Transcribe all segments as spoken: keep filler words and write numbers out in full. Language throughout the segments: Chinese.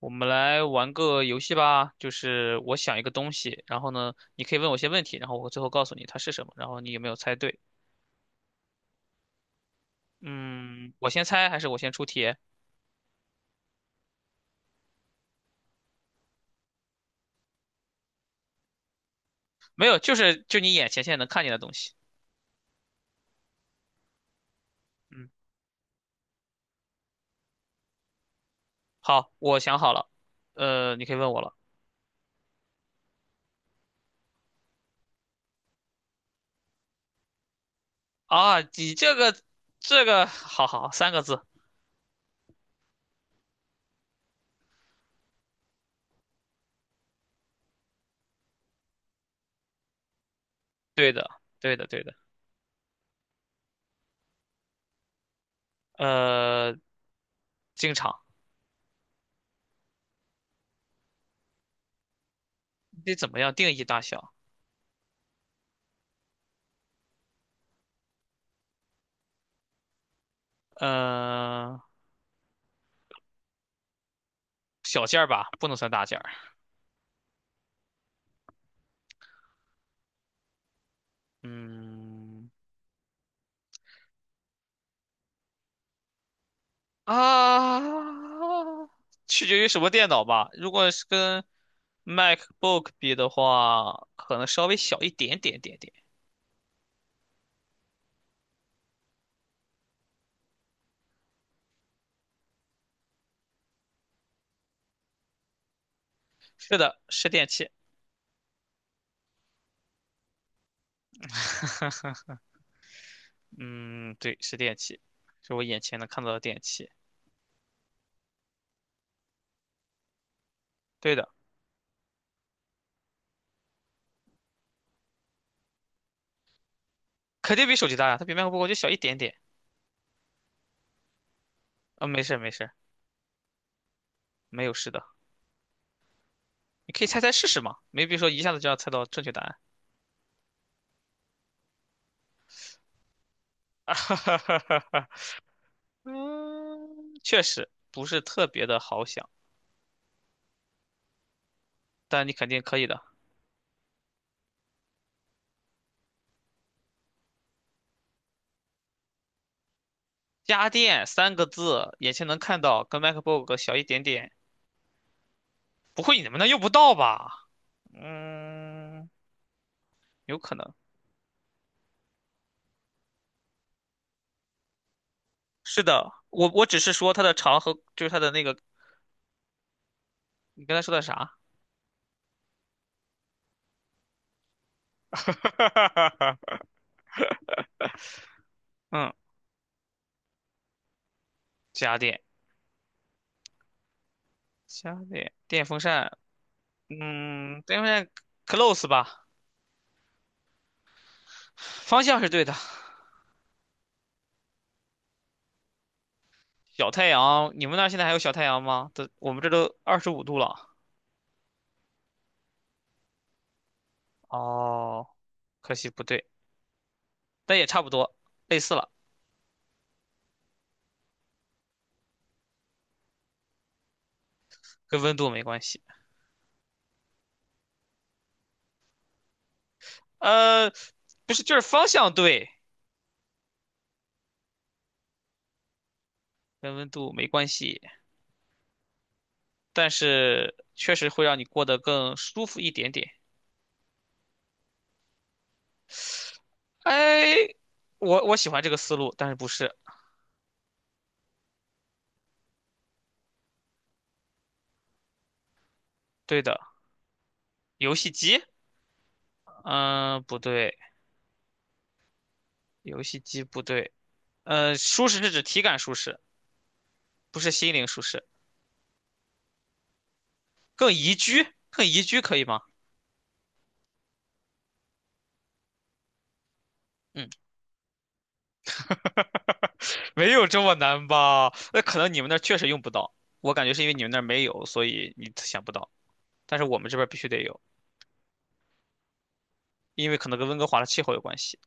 我们来玩个游戏吧，就是我想一个东西，然后呢，你可以问我一些问题，然后我最后告诉你它是什么，然后你有没有猜对？嗯，我先猜还是我先出题？没有，就是就你眼前现在能看见的东西。嗯，好，我想好了，呃，你可以问我了。啊，你这个这个，好好，三个字，对的，对的，对的。呃，经常，你得怎么样定义大小？呃，小件儿吧，不能算大件儿。嗯。啊，取决于什么电脑吧。如果是跟 MacBook 比的话，可能稍微小一点点点点。是的，是电器。嗯，对，是电器，是我眼前能看到的电器。对的，肯定比手机大呀，它比 MacBook 就小一点点。啊、没事儿没事儿没有事的。你可以猜猜试试嘛，没必说一下子就要猜到正确答案。哈哈哈哈哈嗯，确实不是特别的好想，但你肯定可以的。家电三个字，眼前能看到，跟 MacBook 小一点点。不会你们那用不到吧？嗯，有可能。是的，我我只是说它的长和就是它的那个，你刚才说的啥？嗯，家电，家电，电风扇，嗯，电风扇 close 吧，方向是对的。小太阳，你们那儿现在还有小太阳吗？这我们这都二十五度了。哦，可惜不对，但也差不多，类似了，跟温度没关系。呃，不是，就是方向对，跟温度没关系，但是确实会让你过得更舒服一点点。哎，我我喜欢这个思路，但是不是对的。游戏机？嗯、不对，游戏机不对。呃，舒适是指体感舒适，不是心灵舒适，更宜居，更宜居可以吗？嗯，没有这么难吧？那可能你们那儿确实用不到，我感觉是因为你们那儿没有，所以你想不到，但是我们这边儿必须得有，因为可能跟温哥华的气候有关系。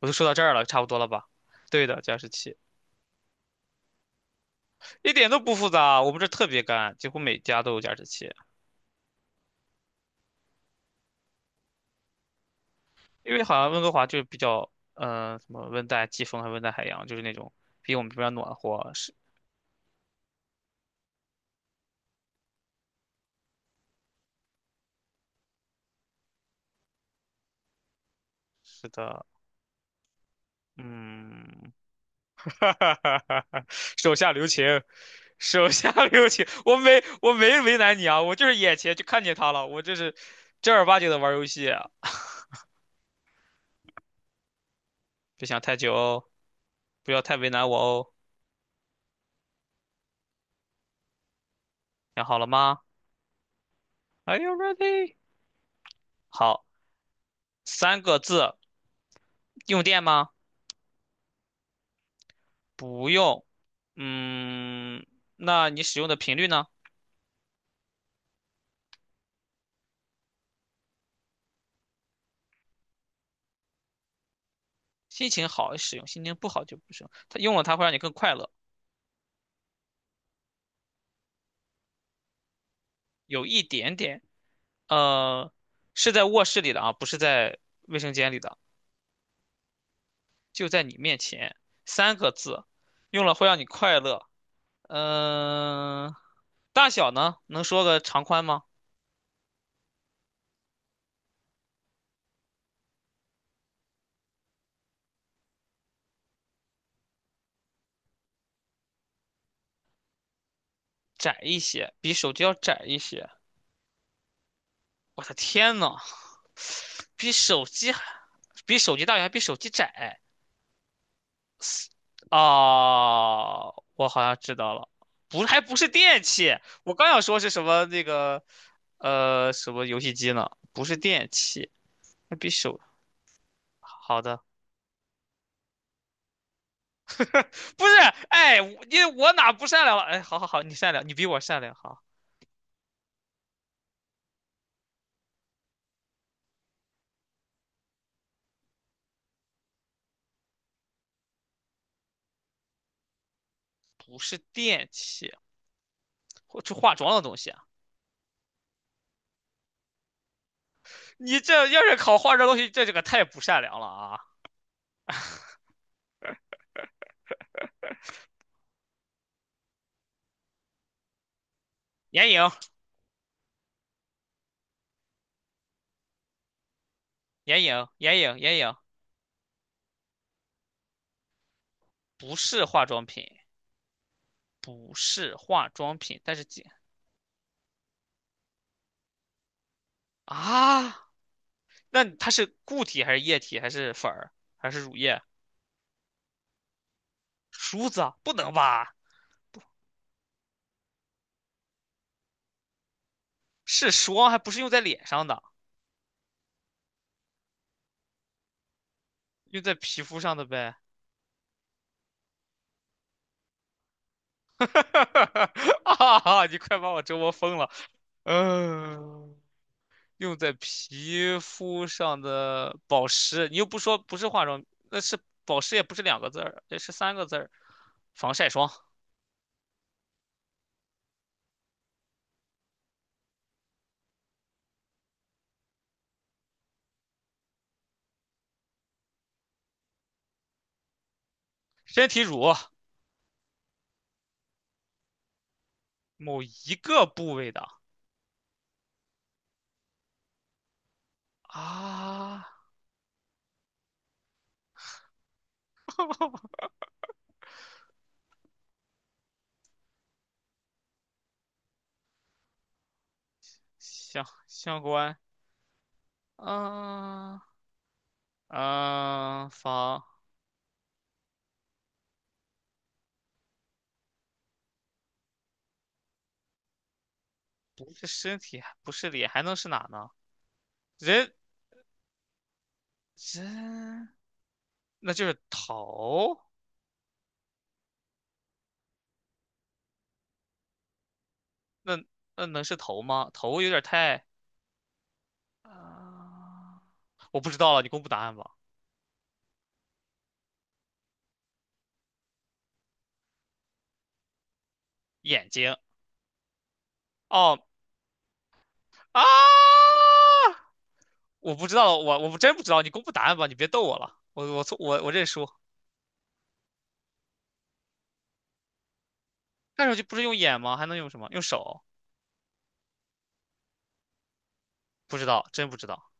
我就说到这儿了，差不多了吧？对的，加湿器一点都不复杂，我们这儿特别干，几乎每家都有加湿器。因为好像温哥华就是比较，呃，什么温带季风还是温带海洋，就是那种比我们这边暖和。是是的，嗯，哈哈哈哈，手下留情，手下留情，我没我没为难你啊，我就是眼前就看见他了，我这是正儿八经的玩游戏，别想太久哦，不要太为难我哦，想好了吗？Are you ready？好。三个字，用电吗？不用。嗯，那你使用的频率呢？心情好使用，心情不好就不使用。它用了它会让你更快乐，有一点点。呃，是在卧室里的啊，不是在卫生间里的，就在你面前。三个字，用了会让你快乐。嗯、大小呢？能说个长宽吗？窄一些，比手机要窄一些。我的天呐，比手机还比手机大小还比手机窄。啊，我好像知道了，不，还不是电器，我刚想说是什么那个，呃，什么游戏机呢？不是电器，那比手，好的，不是，哎，我因为我哪不善良了？哎，好好好，你善良，你比我善良，好，不是电器，或是化妆的东西啊？你这要是考化妆东西，这这个太不善良了啊！眼影，眼影，眼影，眼影，不是化妆品，不是化妆品，但是几啊？那它是固体还是液体还是粉儿还是乳液？梳子啊不能吧？是霜，还不是用在脸上的，用在皮肤上的呗。啊，你快把我折磨疯了。嗯，用在皮肤上的保湿，你又不说不是化妆，那是保湿也不是两个字儿，也是三个字儿，防晒霜、身体乳，某一个部位的啊。相相关，嗯、呃嗯、方不是身体，不是脸，还能是哪呢？人人那就是头，那那能是头吗？头有点太啊、我不知道了，你公布答案吧。眼睛，哦啊，我不知道了，我我真不知道，你公布答案吧，你别逗我了，我我错我我认输。看上去不是用眼吗？还能用什么？用手？不知道，真不知道。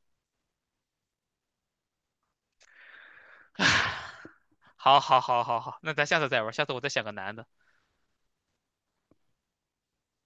好，好，好，好，好，那咱下次再玩，下次我再想个难的。